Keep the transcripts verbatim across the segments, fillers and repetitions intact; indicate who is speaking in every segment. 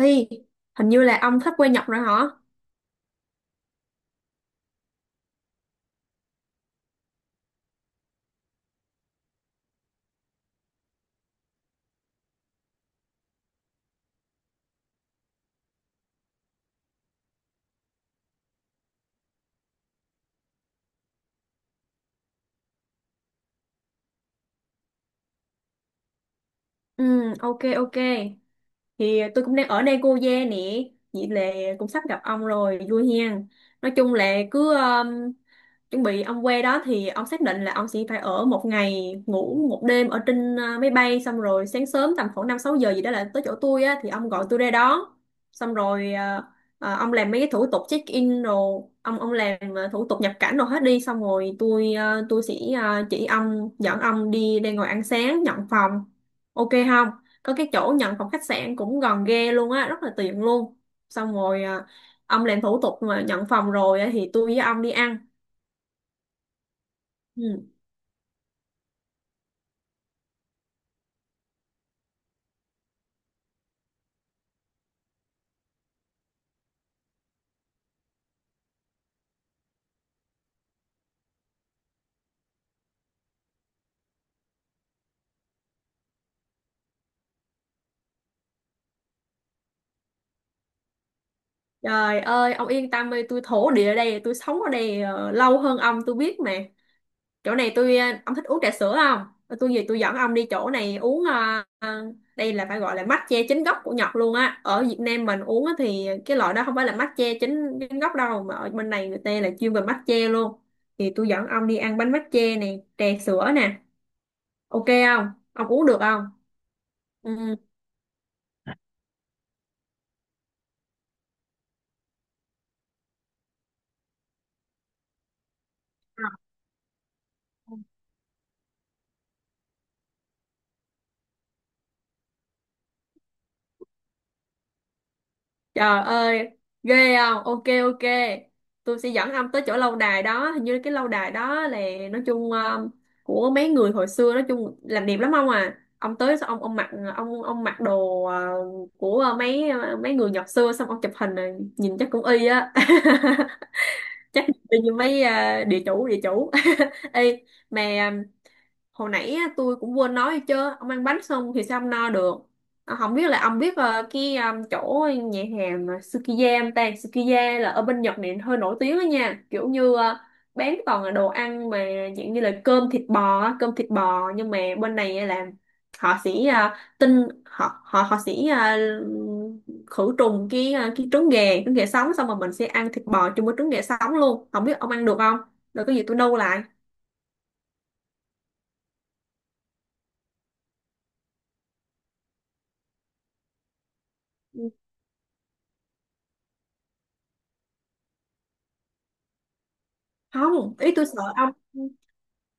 Speaker 1: Hi, hình như là ông sắp quê Nhật rồi hả? Ừ, ok ok. Thì tôi cũng đang ở đây cô gia nè, vậy là cũng sắp gặp ông rồi, vui hen. Nói chung là cứ um, chuẩn bị ông qua đó thì ông xác định là ông sẽ phải ở một ngày ngủ một đêm ở trên à, máy bay, xong rồi sáng sớm tầm khoảng năm sáu giờ gì đó là tới chỗ tôi á, thì ông gọi tôi ra đó. Xong rồi à, à, ông làm mấy cái thủ tục check in rồi ông ông làm à, thủ tục nhập cảnh rồi hết đi, xong rồi tôi à, tôi sẽ à, chỉ ông, dẫn ông đi ra ngồi ăn sáng, nhận phòng. Ok không? Có cái chỗ nhận phòng khách sạn cũng gần ghê luôn á, rất là tiện luôn. Xong rồi à, ông làm thủ tục mà nhận phòng rồi á, thì tôi với ông đi ăn. Ừ. Trời ơi, ông yên tâm đi, tôi thổ địa ở đây, tôi sống ở đây ờ, lâu hơn ông, tôi biết mà. Chỗ này tôi ờ, ông thích uống trà sữa không? Ờ, tôi gì tôi dẫn ông đi chỗ này uống ờ, ờ, đây là phải gọi là matcha chính gốc của Nhật luôn á. Ở Việt Nam mình uống á thì cái loại đó không phải là matcha chính chính gốc đâu, mà ở bên này người ta là chuyên về matcha luôn. Thì tôi dẫn ông đi ăn bánh matcha nè, trà sữa nè. Ok không? Ông uống được không? Ừ. Trời ơi, ghê không? Ok ok. Tôi sẽ dẫn ông tới chỗ lâu đài đó. Hình như cái lâu đài đó là, nói chung um, của mấy người hồi xưa, nói chung làm đẹp lắm ông à. Ông tới xong ông ông mặc, ông ông mặc đồ ờ, của ờ, mấy ờ, mấy người Nhật xưa, xong ông chụp hình này, nhìn chắc cũng y á. Chắc y như mấy ờ, địa chủ địa chủ. Ê, mà hồi nãy á, tôi cũng quên nói đi chứ, ông ăn bánh xong thì sao ông no được. Ờ, không biết là ông biết ờ, cái ờ, chỗ nhà hàng mà Sukiya không ta. Sukiya là ở bên Nhật này hơi nổi tiếng đó nha, kiểu như ờ, bán toàn là đồ ăn mà dạng như là cơm thịt bò á, cơm thịt bò. Nhưng mà bên này á là họ sẽ ờ, tinh họ họ họ sẽ ờ, khử trùng cái ờ, cái trứng gà, trứng gà sống, xong rồi mình sẽ ăn thịt bò chung với trứng gà sống luôn. Không biết ông ăn được không, rồi có gì tôi nâu lại. Ừ. Không, ý tôi sợ ông,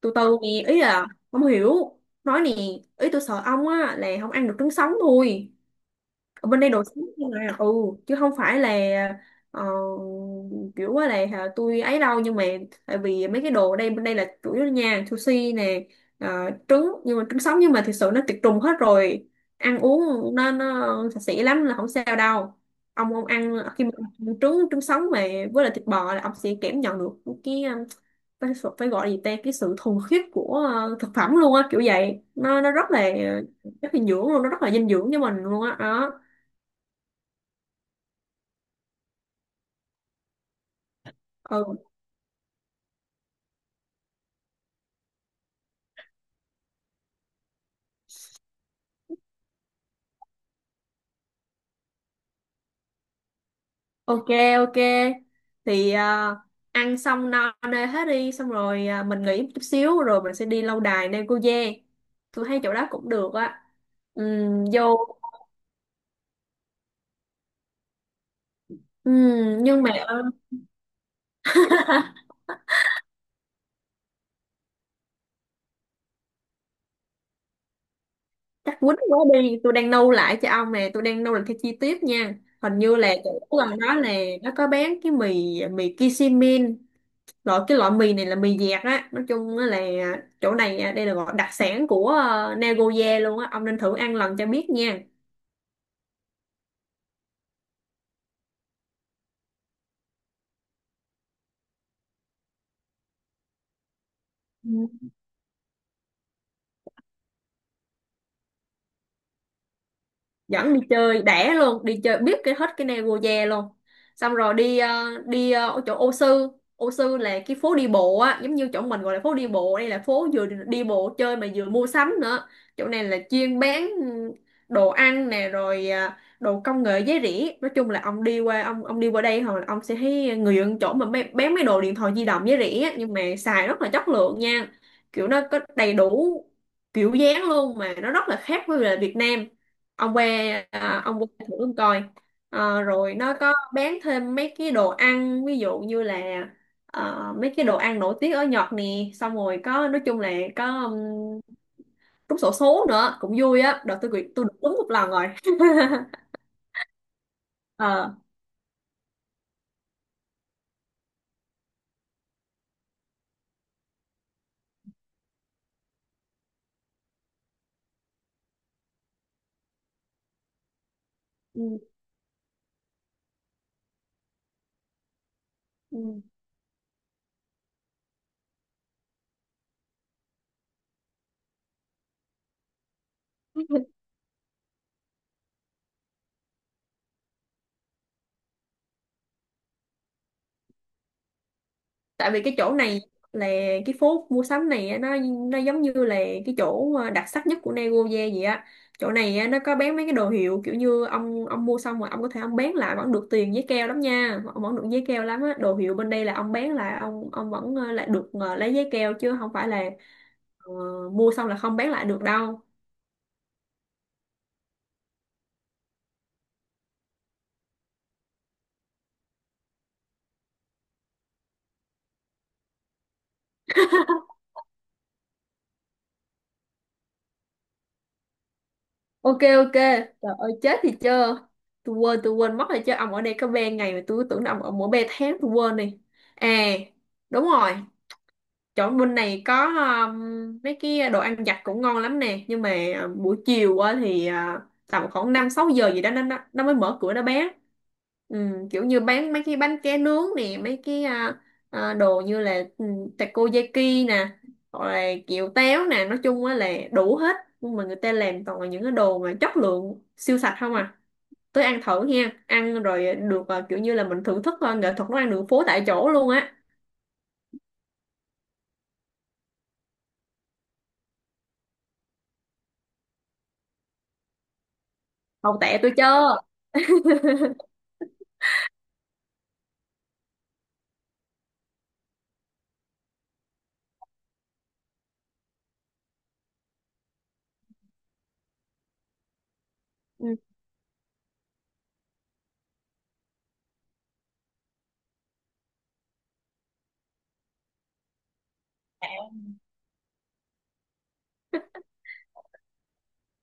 Speaker 1: từ từ nè, ý là không hiểu, nói nè, ý tôi sợ ông á là không ăn được trứng sống thôi. Ở bên đây đồ sống nhưng mà ừ, chứ không phải là ờ, kiểu quá là hả, tôi ấy đâu. Nhưng mà tại vì mấy cái đồ ở đây, bên đây là chủ yếu nha, sushi nè, ờ, trứng, nhưng mà trứng sống nhưng mà thực sự nó tiệt trùng hết rồi, ăn uống nó nó sạch sẽ lắm, là không sao đâu. Ông ông ăn khi mà ăn trứng, trứng sống mà với lại thịt bò, là ông sẽ cảm nhận được cái ờ, phải, phải gọi là gì ta, cái sự thuần khiết của ờ, thực phẩm luôn á, kiểu vậy. Nó nó rất là rất là dinh dưỡng luôn, nó rất là dinh dưỡng cho mình luôn á đó. Ừ, ok ok. thì à, ăn xong no nê hết đi, xong rồi à, mình nghỉ một chút xíu rồi mình sẽ đi lâu đài Nam Cô Giang. Tôi thấy chỗ đó cũng được á. Ừm, vô. Ừm, nhưng mà chắc quýnh quá đi, tôi đang nâu lại cho ông nè, tôi đang nâu lại theo chi tiết nha. Hình như là chỗ gần đó là, nó có bán cái mì, mì Kishimin. Loại cái loại mì này là mì dẹt á, nói chung á là chỗ này à, đây là gọi đặc sản của ờ, Nagoya luôn á, ông nên thử ăn lần cho biết nha. Ừ. Dẫn đi chơi đẻ luôn, đi chơi biết cái hết cái Nagoya luôn, xong rồi đi ờ, đi ờ, ở chỗ ô sư. Ô sư là cái phố đi bộ á, giống như chỗ mình gọi là phố đi bộ, đây là phố vừa đi bộ chơi mà vừa mua sắm nữa. Chỗ này là chuyên bán ừ, đồ ăn nè, rồi ờ, đồ công nghệ giá rẻ. Nói chung là ông đi qua, ông ông đi qua đây hồi ông sẽ thấy người dân, chỗ mà bán, bán mấy đồ điện thoại di động giá rẻ á, nhưng mà xài rất là chất lượng nha. Kiểu nó có đầy đủ kiểu dáng luôn, mà nó rất là khác với là Việt Nam. Ông qua à, ông qua thử ông coi. Ờ, rồi nó có bán thêm mấy cái đồ ăn, ví dụ như là ờ, mấy cái đồ ăn nổi tiếng ở Nhật nè, xong rồi có, nói chung là có um, trúng xổ số nữa cũng vui á. Đợt tôi quyệt- tôi được trúng một lần rồi. Ờ, ừ, ừ. Tại vì cái chỗ này là cái phố mua sắm này á, nó nó giống như là cái chỗ ờ, đặc sắc nhất của Nagoya vậy á. Chỗ này á, nó có bán mấy cái đồ hiệu, kiểu như ông ông mua xong rồi ông có thể ông bán lại vẫn được tiền giấy keo lắm nha, ông vẫn được giấy keo lắm á. Đồ hiệu bên đây là ông bán lại, ông ông vẫn ờ, lại được ờ, lấy giấy keo, chứ không phải là ờ, mua xong là không bán lại được đâu. Ok ok, trời ơi, chết thì chưa, tôi quên tôi quên mất rồi chứ. Ông ở đây có ba ngày mà tôi cứ tưởng là ông ở mỗi ba tháng, tôi quên đi. À, đúng rồi, chỗ bên này có um, mấy cái đồ ăn vặt cũng ngon lắm nè. Nhưng mà à, buổi chiều á thì à, tầm khoảng năm sáu giờ gì đó nó nó nó mới mở cửa, nó bán ừ, kiểu như bán mấy cái bánh ké nướng nè, mấy cái à, à, đồ như là ừ, takoyaki nè, hoặc là kiểu téo nè, nói chung á là đủ hết, nhưng mà người ta làm toàn là những cái đồ mà chất lượng siêu sạch không à. Tới ăn thử nha, ăn rồi được à, kiểu như là mình thưởng thức à, nghệ thuật nấu ăn đường phố tại chỗ luôn á. Hậu tệ tôi chưa. Ừ.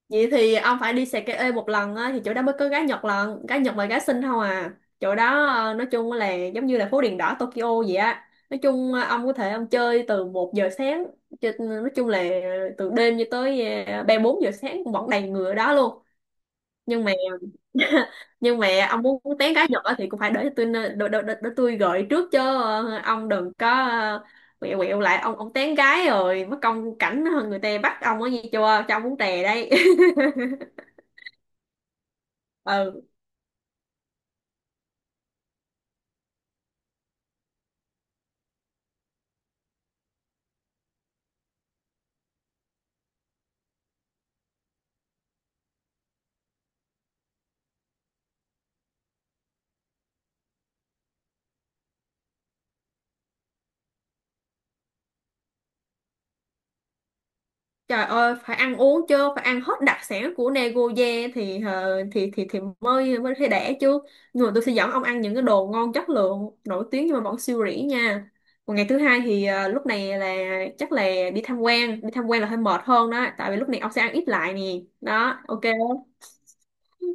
Speaker 1: Vậy thì ông phải đi Sake một lần á, thì chỗ đó mới có gái Nhật lần, gái Nhật và gái Sinh không à. Chỗ đó ờ, nói chung là giống như là phố đèn đỏ Tokyo vậy á. Nói chung ờ, ông có thể ông chơi từ một giờ sáng cho- nói chung là từ đêm cho tới ờ, ba bốn giờ sáng cũng vẫn đầy người ở đó luôn. Nhưng mà nhưng mà ông muốn tán gái Nhật á thì cũng phải để cho tôi để, để, để, để tôi gợi trước chứ. ờ, ông đừng có ờ, quẹo quẹo lại, ông ông tán gái rồi mất công cảnh người ta bắt ông á, nghe chưa, cho ông muốn tè đây. Ừ. Trời ơi, phải ăn uống chứ, phải ăn hết đặc sản của Nagoya thì ờ, thì thì thì mới mới thấy đẻ chứ. Nhưng mà tôi sẽ dẫn ông ăn những cái đồ ngon chất lượng, nổi tiếng nhưng mà vẫn siêu rỉ nha. Còn ngày thứ hai thì ờ, lúc này là, chắc là đi tham quan. Đi tham quan là hơi mệt hơn đó, tại vì lúc này ông sẽ ăn ít lại nè. Đó, ok. Không?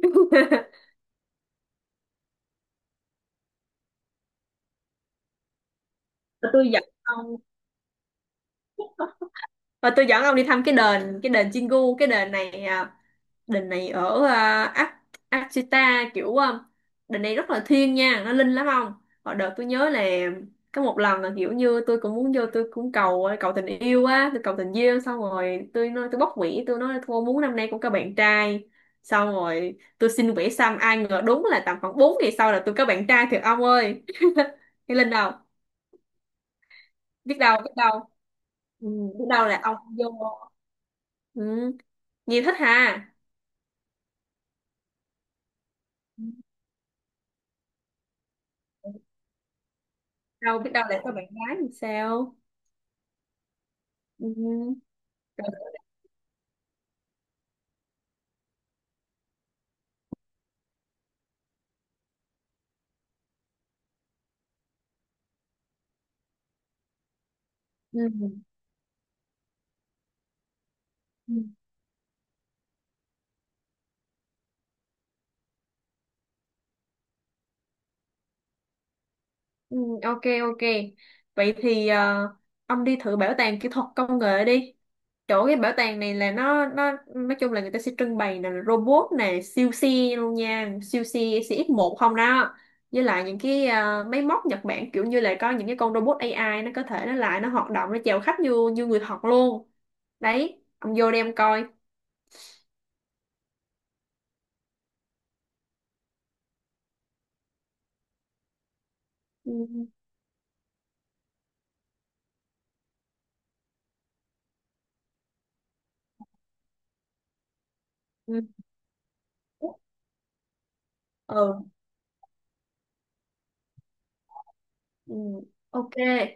Speaker 1: Tôi dẫn ông và tôi dẫn ông đi thăm cái đền cái đền Chingu. Cái đền này à, đền này ở uh, Akita, kiểu à, đền này rất là thiêng nha, nó linh lắm ông. Hồi đợt tôi nhớ là có một lần là, kiểu như tôi cũng muốn vô, tôi cũng cầu à, cầu tình yêu á, tôi cầu tình duyên, xong rồi tôi nói, tôi bóc quỷ, tôi nói thôi muốn năm nay cũng có bạn trai, xong rồi tôi xin quỷ xăm, ai ngờ đúng là tầm khoảng bốn ngày sau là tôi có bạn trai thiệt ông ơi. Cái linh đâu, biết đâu biết đâu. Ừ, biết đâu là ông vô. Ừ. Nhi thích ha. Đâu biết đâu lại có. Ồ. Bạn gái thì sao. Ừ. Rồi. Ừ. Ừ. Ừ. Ok, ok, vậy thì ờ, ông đi thử bảo tàng kỹ thuật công nghệ đi. Chỗ cái bảo tàng này là nó nó nói chung là người ta sẽ trưng bày là robot nè, siêu xe luôn nha, siêu xe cx một không đó. Với lại những cái ờ, máy móc Nhật Bản, kiểu như là có những cái con robot a i nó có thể nó lại nó hoạt động, nó chào khách như như người thật luôn đấy. Ông vô đem coi. Ừ. Ừ. Ừ. Ừ, ok.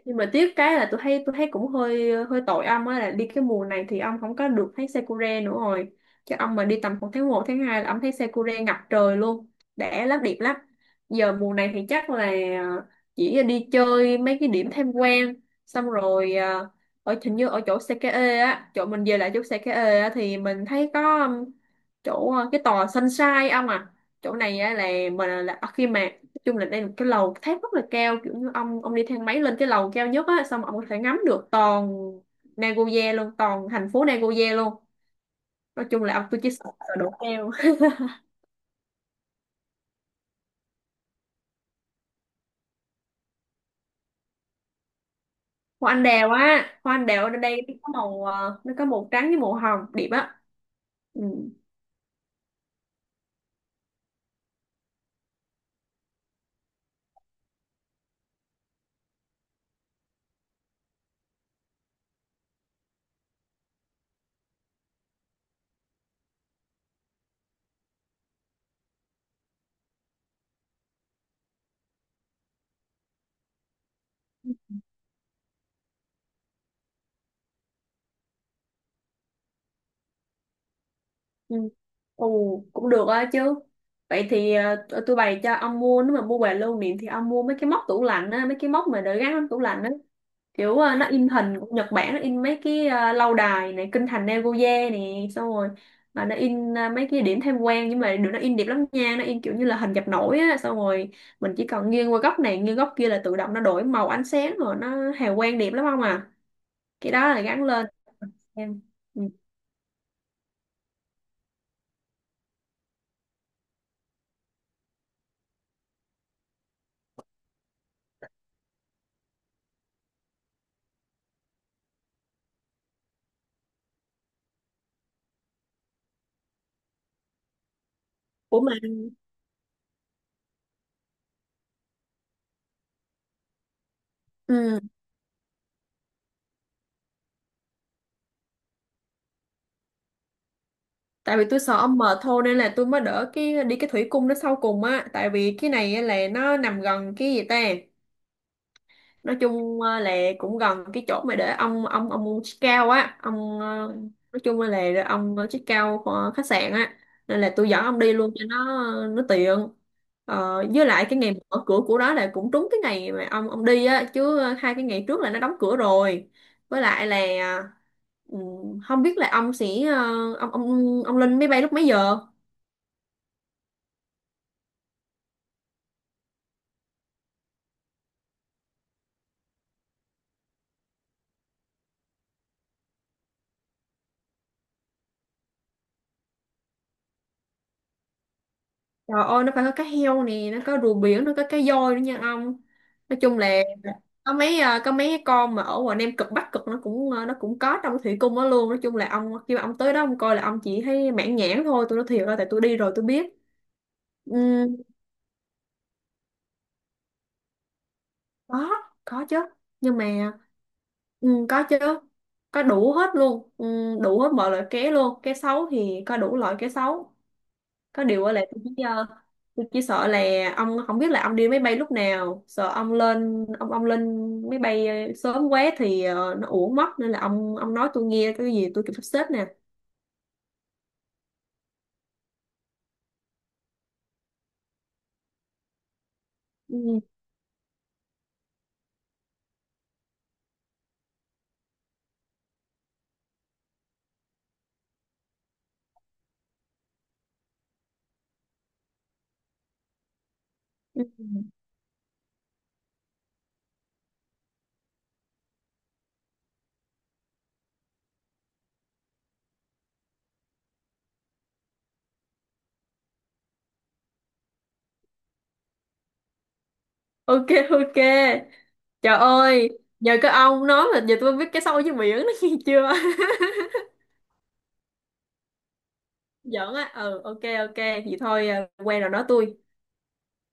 Speaker 1: Nhưng mà tiếc cái là tôi thấy tôi thấy cũng hơi hơi tội ông á, là đi cái mùa này thì ông không có được thấy sakura nữa rồi, chứ ông mà đi tầm khoảng tháng một tháng hai là ông thấy sakura ngập trời luôn, đẻ lắm, đẹp lắm. Giờ mùa này thì chắc là ờ, chỉ đi chơi mấy cái điểm tham quan, xong rồi à, ở hình như ở chỗ Sakae á, chỗ mình về lại chỗ Sakae á thì mình thấy có um, chỗ uh, cái tòa Sunshine ông à. Chỗ này á là mình là khi mà chung là đây là một cái lầu tháp rất là cao, kiểu như ông ông đi thang máy lên cái lầu cao nhất á, xong ông có thể ngắm được toàn Nagoya luôn, toàn thành phố Nagoya luôn. Nói chung là ông tôi chỉ sợ sợ độ cao. Hoa anh đào á, hoa anh đào ở đây nó có màu ờ, nó có màu trắng với màu hồng đẹp á. Ừ. Ừ. Ồ, cũng được á chứ. Vậy thì ờ, t- tôi bày cho ông mua, nếu mà mua quà lưu niệm thì ông mua mấy cái móc tủ lạnh á, mấy cái móc mà để gắn trong tủ lạnh á, kiểu ờ, nó in hình của Nhật Bản, nó in mấy cái ờ, lâu đài này, kinh thành Nagoya nè, xong rồi mà nó in ờ, mấy cái điểm tham quan, nhưng mà được nó in đẹp lắm nha, nó in kiểu như là hình dập nổi á, xong rồi mình chỉ cần nghiêng qua góc này nghiêng góc kia là tự động nó đổi màu ánh sáng, rồi nó hào quang đẹp lắm không à. Cái đó là gắn lên em. Ừ. Ủa mà ừ, tại vì tôi sợ ông mệt thôi, nên là tôi mới đỡ cái đi cái thủy cung nó sau cùng á, tại vì cái này á là nó nằm gần cái gì ta, nói chung ờ, là cũng gần cái chỗ mà để ông ông ông chiếc cao á, ông ờ, nói chung là để ông chiếc cao của khách sạn á, nên là tôi dẫn ông đi luôn cho nó nó tiện. Ờ, với lại cái ngày mở cửa của đó là cũng trúng cái ngày mà ông ông đi á, chứ ờ, hai cái ngày trước là nó đóng cửa rồi. Với lại là ừ, không biết là ông sẽ ờ, ông ông ông lên máy bay lúc mấy giờ. Trời ơi, nó phải có cá heo nè, nó có rùa biển, nó có cá voi nữa nha ông. Nói chung là có mấy ờ, có mấy cái con mà ở ngoài Nam Cực Bắc Cực nó cũng ờ, nó cũng có trong thủy cung đó luôn. Nói chung là ông khi mà ông tới đó ông coi là ông chỉ thấy mãn nhãn thôi, tôi nói thiệt là tại tôi đi rồi tôi biết. Ừ, có, có chứ. Nhưng mà ừ, có chứ. Có đủ hết luôn, ừ, đủ hết mọi loại cá luôn. Cá sấu thì có đủ loại cá sấu. Có điều á là tôi chỉ ờ, tôi chỉ sợ là ông không biết là ông đi máy bay lúc nào, sợ ông lên ông ông lên máy bay ờ, sớm quá thì ờ, nó uổng mất, nên là ông ông nói tôi nghe cái gì tôi kịp sắp xếp nè. Ừ. Ừ. Ok, ok. Trời ơi, nhờ cái ông nói mà giờ tôi biết cái sâu với miệng, nó nghe chưa. Giỡn á. Ừ, ok, ok, vậy thôi. ờ, Quen rồi nói tôi.